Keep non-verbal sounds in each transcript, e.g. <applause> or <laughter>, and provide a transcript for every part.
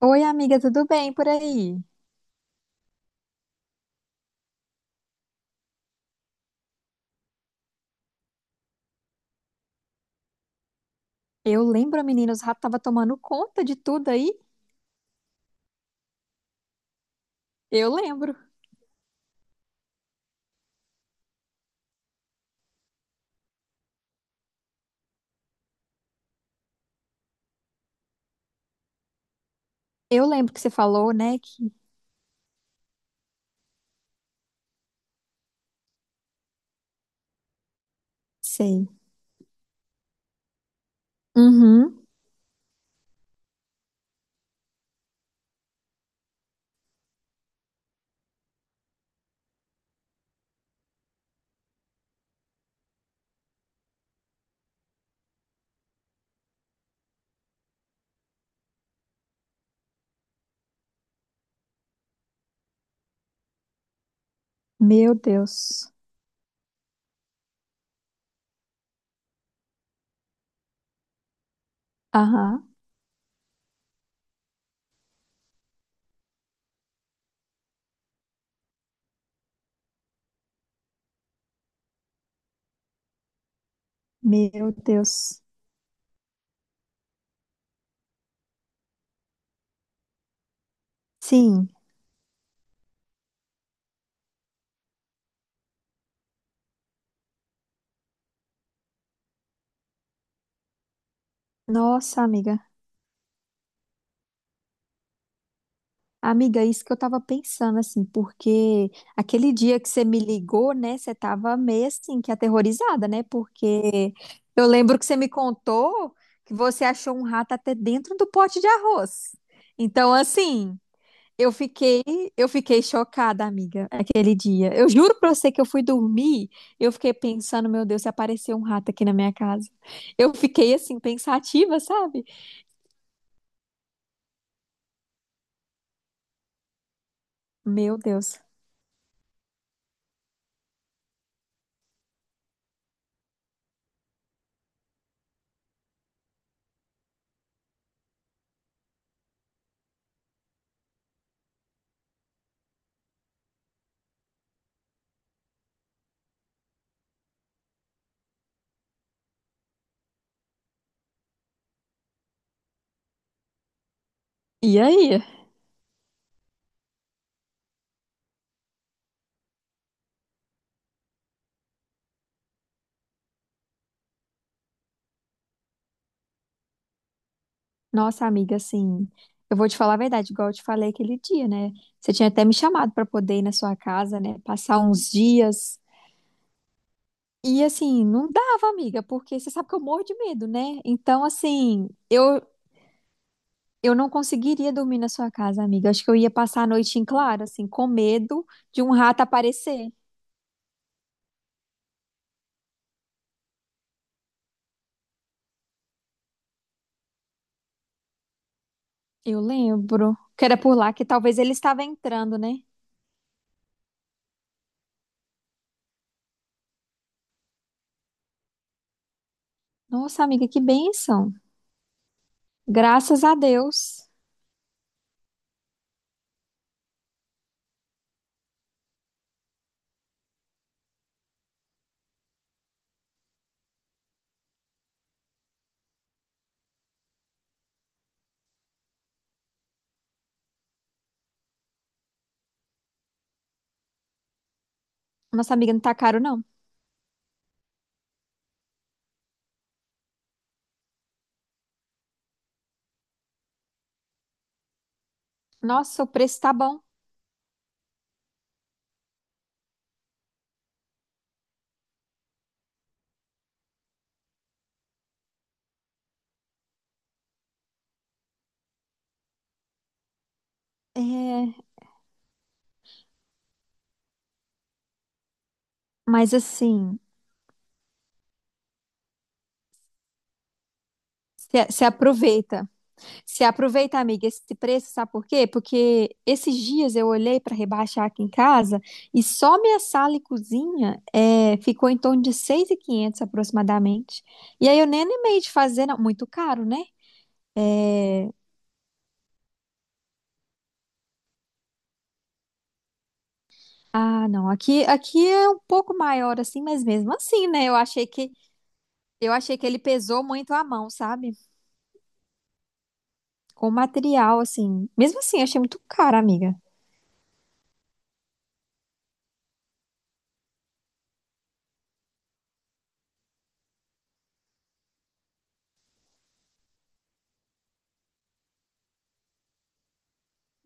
Oi, amiga, tudo bem por aí? Eu lembro, menina, os ratos estavam tomando conta de tudo aí. Eu lembro. Eu lembro que você falou, né? Sei. Uhum. Meu Deus. Aham. Meu Deus. Sim. Nossa, amiga. Amiga, isso que eu tava pensando, assim, porque aquele dia que você me ligou, né? Você tava meio assim, que aterrorizada, né? Porque eu lembro que você me contou que você achou um rato até dentro do pote de arroz. Então, assim. Eu fiquei, eu fiquei chocada, amiga, aquele dia. Eu juro pra você que eu fui dormir, eu fiquei pensando, meu Deus, se apareceu um rato aqui na minha casa. Eu fiquei assim, pensativa, sabe? Meu Deus. E aí? Nossa, amiga, assim, eu vou te falar a verdade, igual eu te falei aquele dia, né? Você tinha até me chamado pra poder ir na sua casa, né? Passar uns dias. E assim, não dava, amiga, porque você sabe que eu morro de medo, né? Então, assim, eu não conseguiria dormir na sua casa, amiga. Acho que eu ia passar a noite em claro, assim, com medo de um rato aparecer. Eu lembro que era por lá que talvez ele estava entrando, né? Nossa, amiga, que bênção. Graças a Deus. Nossa, amiga, não tá caro, não. Nossa, o preço tá bom. É, mas assim, se aproveita. Se aproveita, amiga, esse preço, sabe por quê? Porque esses dias eu olhei para rebaixar aqui em casa e só minha sala e cozinha é, ficou em torno de 6.500 aproximadamente. E aí eu nem animei de fazer, não. Muito caro, né? Ah, não. Aqui é um pouco maior assim, mas mesmo assim, né? Eu achei que ele pesou muito a mão, sabe? Com o material assim. Mesmo assim, eu achei muito caro, amiga.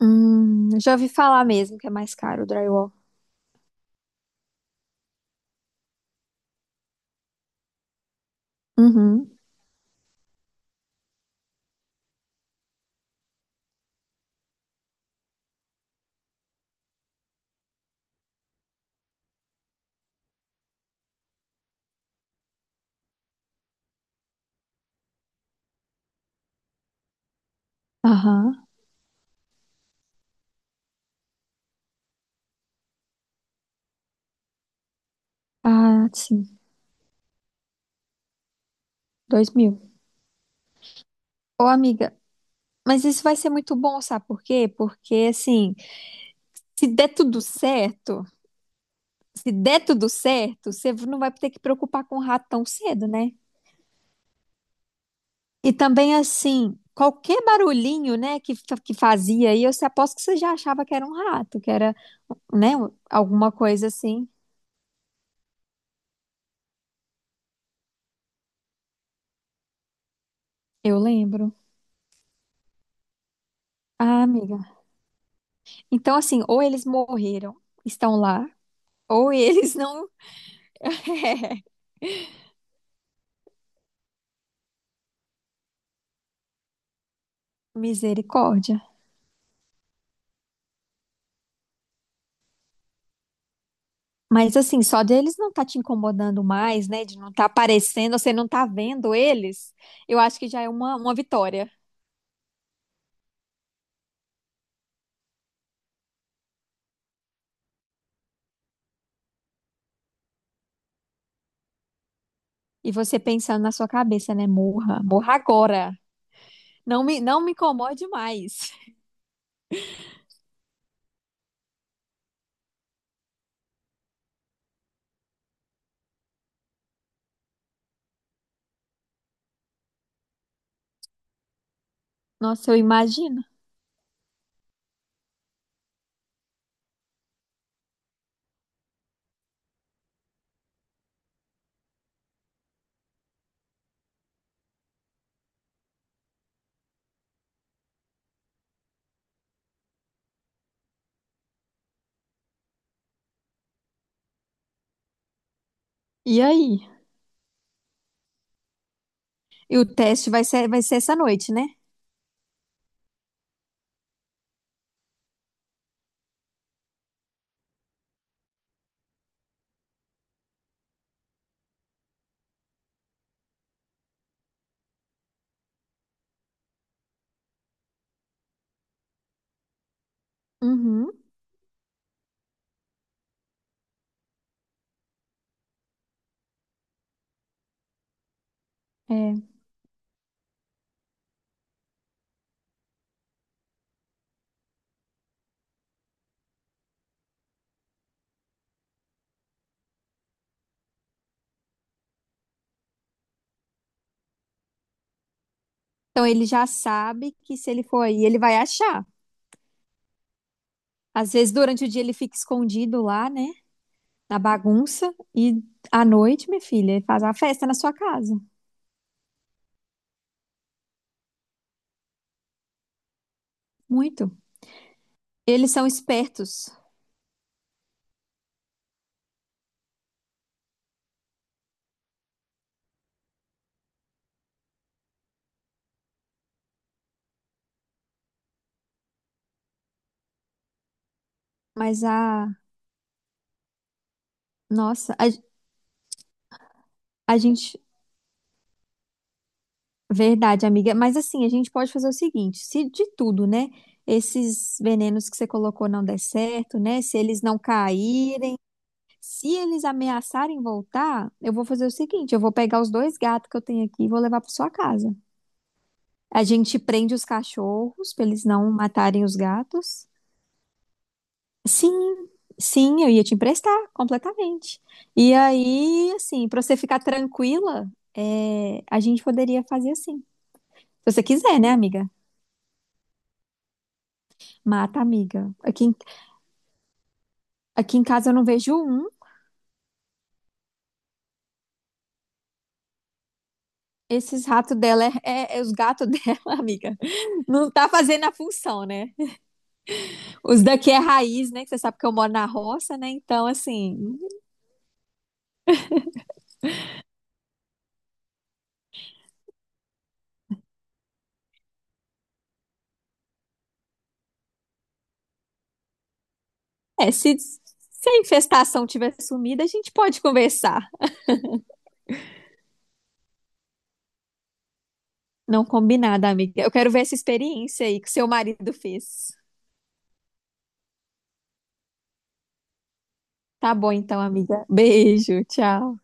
Já ouvi falar mesmo que é mais caro o drywall. Uhum. Aham. Ah, sim. 2.000. Ô, amiga, mas isso vai ser muito bom, sabe por quê? Porque, assim, se der tudo certo, se der tudo certo, você não vai ter que preocupar com o rato tão cedo, né? E também, assim, qualquer barulhinho, né, que fazia aí, eu se- aposto que você já achava que era um rato, que era, né, alguma coisa assim. Eu lembro. Ah, amiga. Então, assim, ou eles morreram, estão lá, ou <laughs> eles não. Misericórdia. Mas assim, só deles não tá te incomodando mais, né? De não tá aparecendo, você não tá vendo eles, eu acho que já é uma vitória. E você pensando na sua cabeça, né? Morra, morra agora. Não me incomode mais. Nossa, eu imagino. E aí? E o teste vai ser essa noite, né? Uhum. É. Então ele já sabe que se ele for aí, ele vai achar. Às vezes durante o dia ele fica escondido lá, né? Na bagunça. E à noite, minha filha, ele faz a festa na sua casa. Muito. Eles são espertos, mas a. Nossa, a gente. Verdade, amiga. Mas assim, a gente pode fazer o seguinte: se de tudo, né? Esses venenos que você colocou não der certo, né? Se eles não caírem, se eles ameaçarem voltar, eu vou fazer o seguinte: eu vou pegar os dois gatos que eu tenho aqui e vou levar para sua casa. A gente prende os cachorros para eles não matarem os gatos. Sim, sim, eu ia te emprestar completamente. E aí, assim, pra você ficar tranquila, é, a gente poderia fazer assim. Se você quiser, né, amiga? Mata, a amiga. Aqui em casa eu não vejo um. Esses ratos dela é os gatos <laughs> dela, amiga. Não tá fazendo a função, né? Os daqui é raiz, né? Que você sabe que eu moro na roça, né? Então, assim, se a infestação tiver sumida, a gente pode conversar. Não combinada, amiga. Eu quero ver essa experiência aí que seu marido fez. Tá bom, então, amiga. Beijo, tchau.